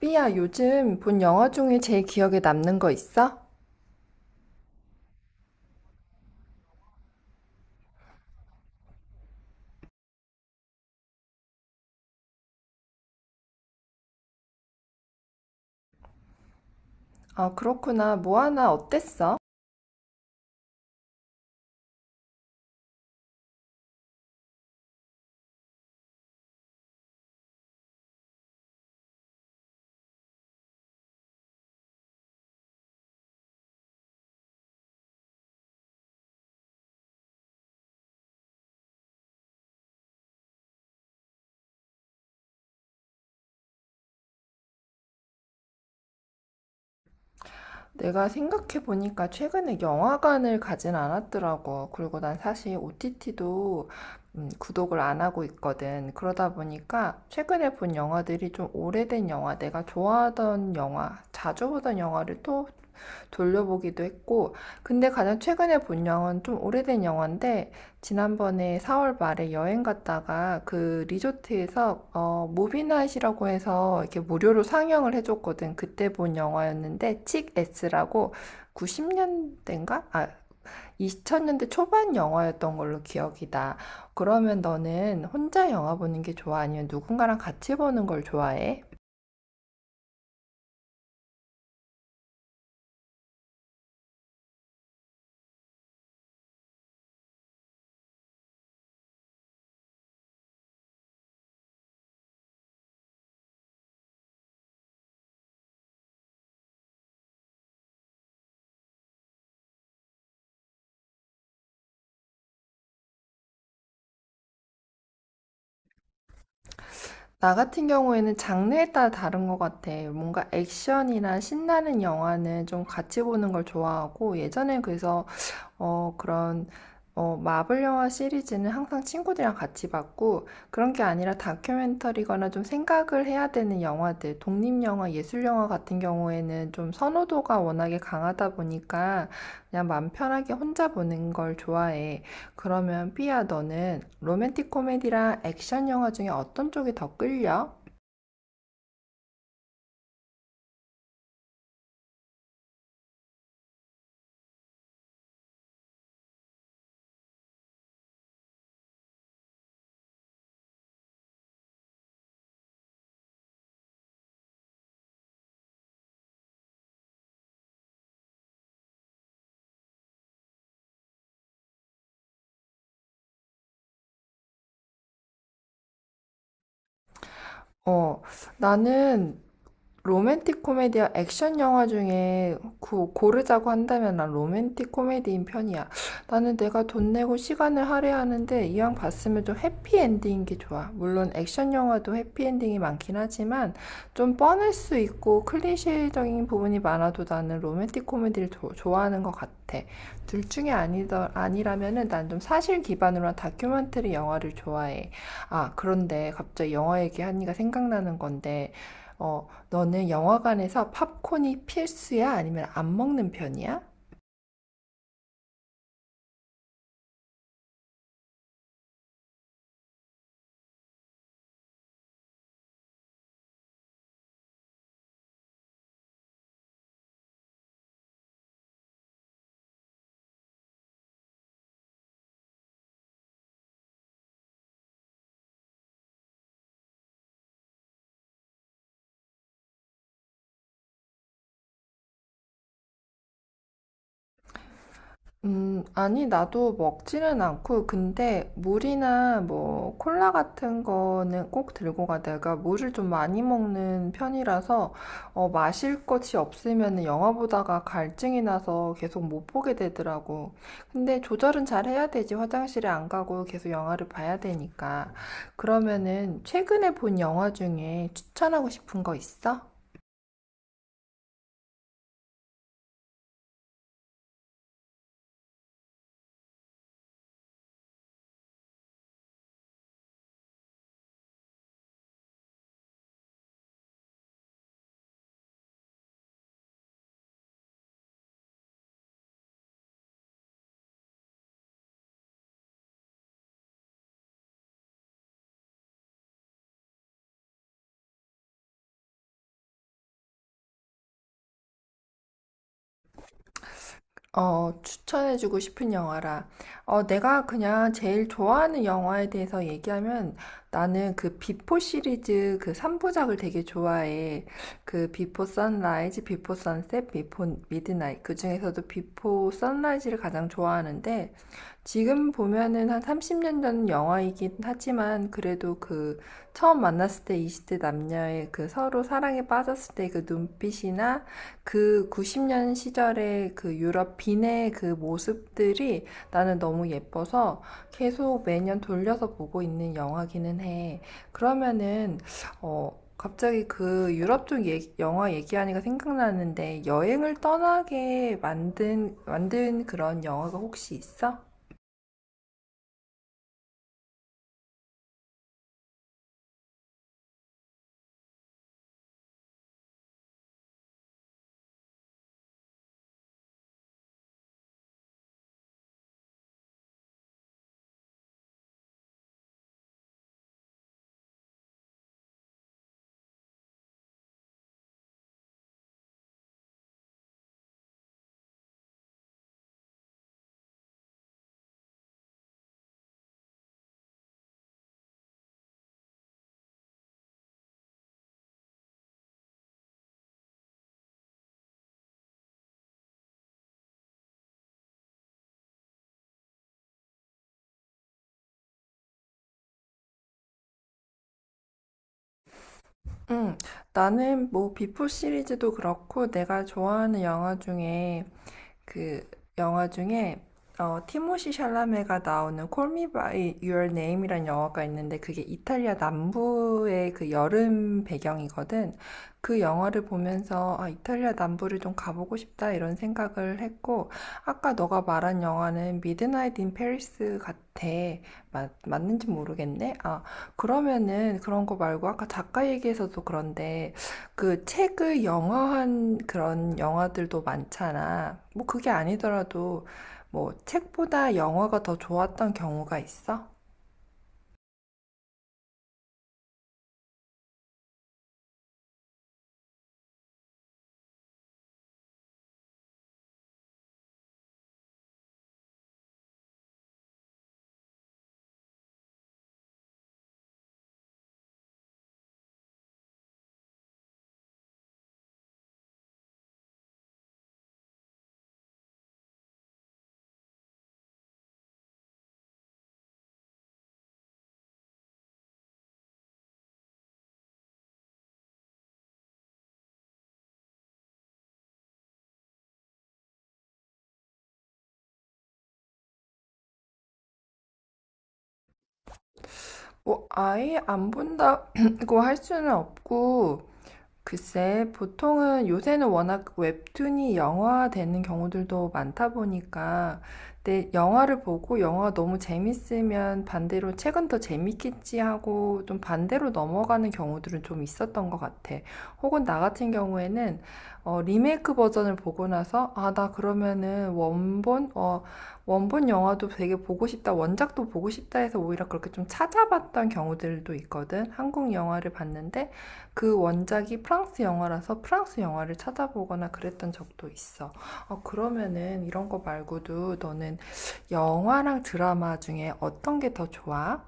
삐야, 요즘 본 영화 중에 제일 기억에 남는 거 있어? 아, 그렇구나. 모아나 어땠어? 내가 생각해보니까 최근에 영화관을 가진 않았더라고. 그리고 난 사실 OTT도 구독을 안 하고 있거든. 그러다 보니까 최근에 본 영화들이 좀 오래된 영화, 내가 좋아하던 영화, 자주 보던 영화를 또 돌려보기도 했고, 근데 가장 최근에 본 영화는 좀 오래된 영화인데, 지난번에 4월 말에 여행 갔다가 그 리조트에서 무비나잇이라고 해서 이렇게 무료로 상영을 해줬거든. 그때 본 영화였는데, 칙 S라고 90년대인가? 아, 2000년대 초반 영화였던 걸로 기억이 나. 그러면 너는 혼자 영화 보는 게 좋아? 아니면 누군가랑 같이 보는 걸 좋아해? 나 같은 경우에는 장르에 따라 다른 것 같아. 뭔가 액션이나 신나는 영화는 좀 같이 보는 걸 좋아하고, 예전에 그래서, 어, 그런, 어, 마블 영화 시리즈는 항상 친구들이랑 같이 봤고, 그런 게 아니라 다큐멘터리거나 좀 생각을 해야 되는 영화들, 독립영화, 예술영화 같은 경우에는 좀 선호도가 워낙에 강하다 보니까, 그냥 마음 편하게 혼자 보는 걸 좋아해. 그러면 삐아 너는 로맨틱 코미디랑 액션 영화 중에 어떤 쪽이 더 끌려? 어, 나는 로맨틱 코미디와 액션 영화 중에 고르자고 한다면 난 로맨틱 코미디인 편이야. 나는 내가 돈 내고 시간을 할애하는데 이왕 봤으면 좀 해피엔딩인 게 좋아. 물론 액션 영화도 해피엔딩이 많긴 하지만 좀 뻔할 수 있고 클리셰적인 부분이 많아도 나는 로맨틱 코미디를 좋아하는 것 같아. 둘 중에 아니라면은 난 좀 사실 기반으로 한 다큐멘터리 영화를 좋아해. 아, 그런데 갑자기 영화 얘기하니까 생각나는 건데, 어, 너는 영화관에서 팝콘이 필수야? 아니면 안 먹는 편이야? 아니, 나도 먹지는 않고, 근데 물이나 뭐 콜라 같은 거는 꼭 들고 가. 내가 물을 좀 많이 먹는 편이라서, 마실 것이 없으면 영화 보다가 갈증이 나서 계속 못 보게 되더라고. 근데 조절은 잘 해야 되지. 화장실에 안 가고 계속 영화를 봐야 되니까. 그러면은 최근에 본 영화 중에 추천하고 싶은 거 있어? 추천해주고 싶은 영화라. 내가 그냥 제일 좋아하는 영화에 대해서 얘기하면 나는 그 비포 시리즈 그 3부작을 되게 좋아해. 그 비포 선라이즈, 비포 선셋, 비포 미드나잇. 그 중에서도 비포 선라이즈를 가장 좋아하는데 지금 보면은 한 30년 전 영화이긴 하지만 그래도 그 처음 만났을 때 20대 남녀의 그 서로 사랑에 빠졌을 때 그 눈빛이나 그 90년 시절의 그 유럽 빈의 그 모습들이 나는 너무 예뻐서 계속 매년 돌려서 보고 있는 영화기는 해. 그러면은 갑자기 그 유럽 쪽 영화 얘기하니까 생각나는데 여행을 떠나게 만든 그런 영화가 혹시 있어? 음, 나는 뭐 비포 시리즈도 그렇고 내가 좋아하는 영화 중에 그 영화 중에 티모시 샬라메가 나오는 Call Me By Your Name이라는 영화가 있는데 그게 이탈리아 남부의 그 여름 배경이거든. 그 영화를 보면서 아, 이탈리아 남부를 좀 가보고 싶다 이런 생각을 했고 아까 너가 말한 영화는 미드나잇 인 페리스 같아. 맞는지 모르겠네. 아, 그러면은 그런 거 말고 아까 작가 얘기에서도 그런데 그 책을 영화한 그런 영화들도 많잖아. 뭐 그게 아니더라도 뭐 책보다 영화가 더 좋았던 경우가 있어? 뭐 아예 안 본다고 할 수는 없고 글쎄, 보통은 요새는 워낙 웹툰이 영화화되는 경우들도 많다 보니까, 근데 영화를 보고 영화가 너무 재밌으면 반대로 책은 더 재밌겠지 하고 좀 반대로 넘어가는 경우들은 좀 있었던 것 같아. 혹은 나 같은 경우에는 리메이크 버전을 보고 나서, 아, 나 그러면은 원본 영화도 되게 보고 싶다, 원작도 보고 싶다 해서 오히려 그렇게 좀 찾아봤던 경우들도 있거든. 한국 영화를 봤는데, 그 원작이 프랑스 영화라서 프랑스 영화를 찾아보거나 그랬던 적도 있어. 그러면은 이런 거 말고도 너는 영화랑 드라마 중에 어떤 게 더 좋아?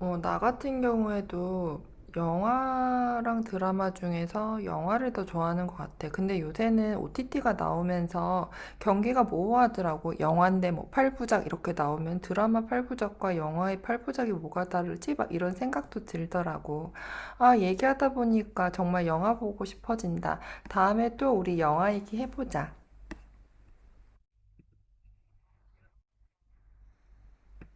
나 같은 경우에도 영화랑 드라마 중에서 영화를 더 좋아하는 것 같아. 근데 요새는 OTT가 나오면서 경기가 모호하더라고. 영화인데 뭐 8부작 이렇게 나오면 드라마 8부작과 영화의 8부작이 뭐가 다르지? 막 이런 생각도 들더라고. 아, 얘기하다 보니까 정말 영화 보고 싶어진다. 다음에 또 우리 영화 얘기해보자.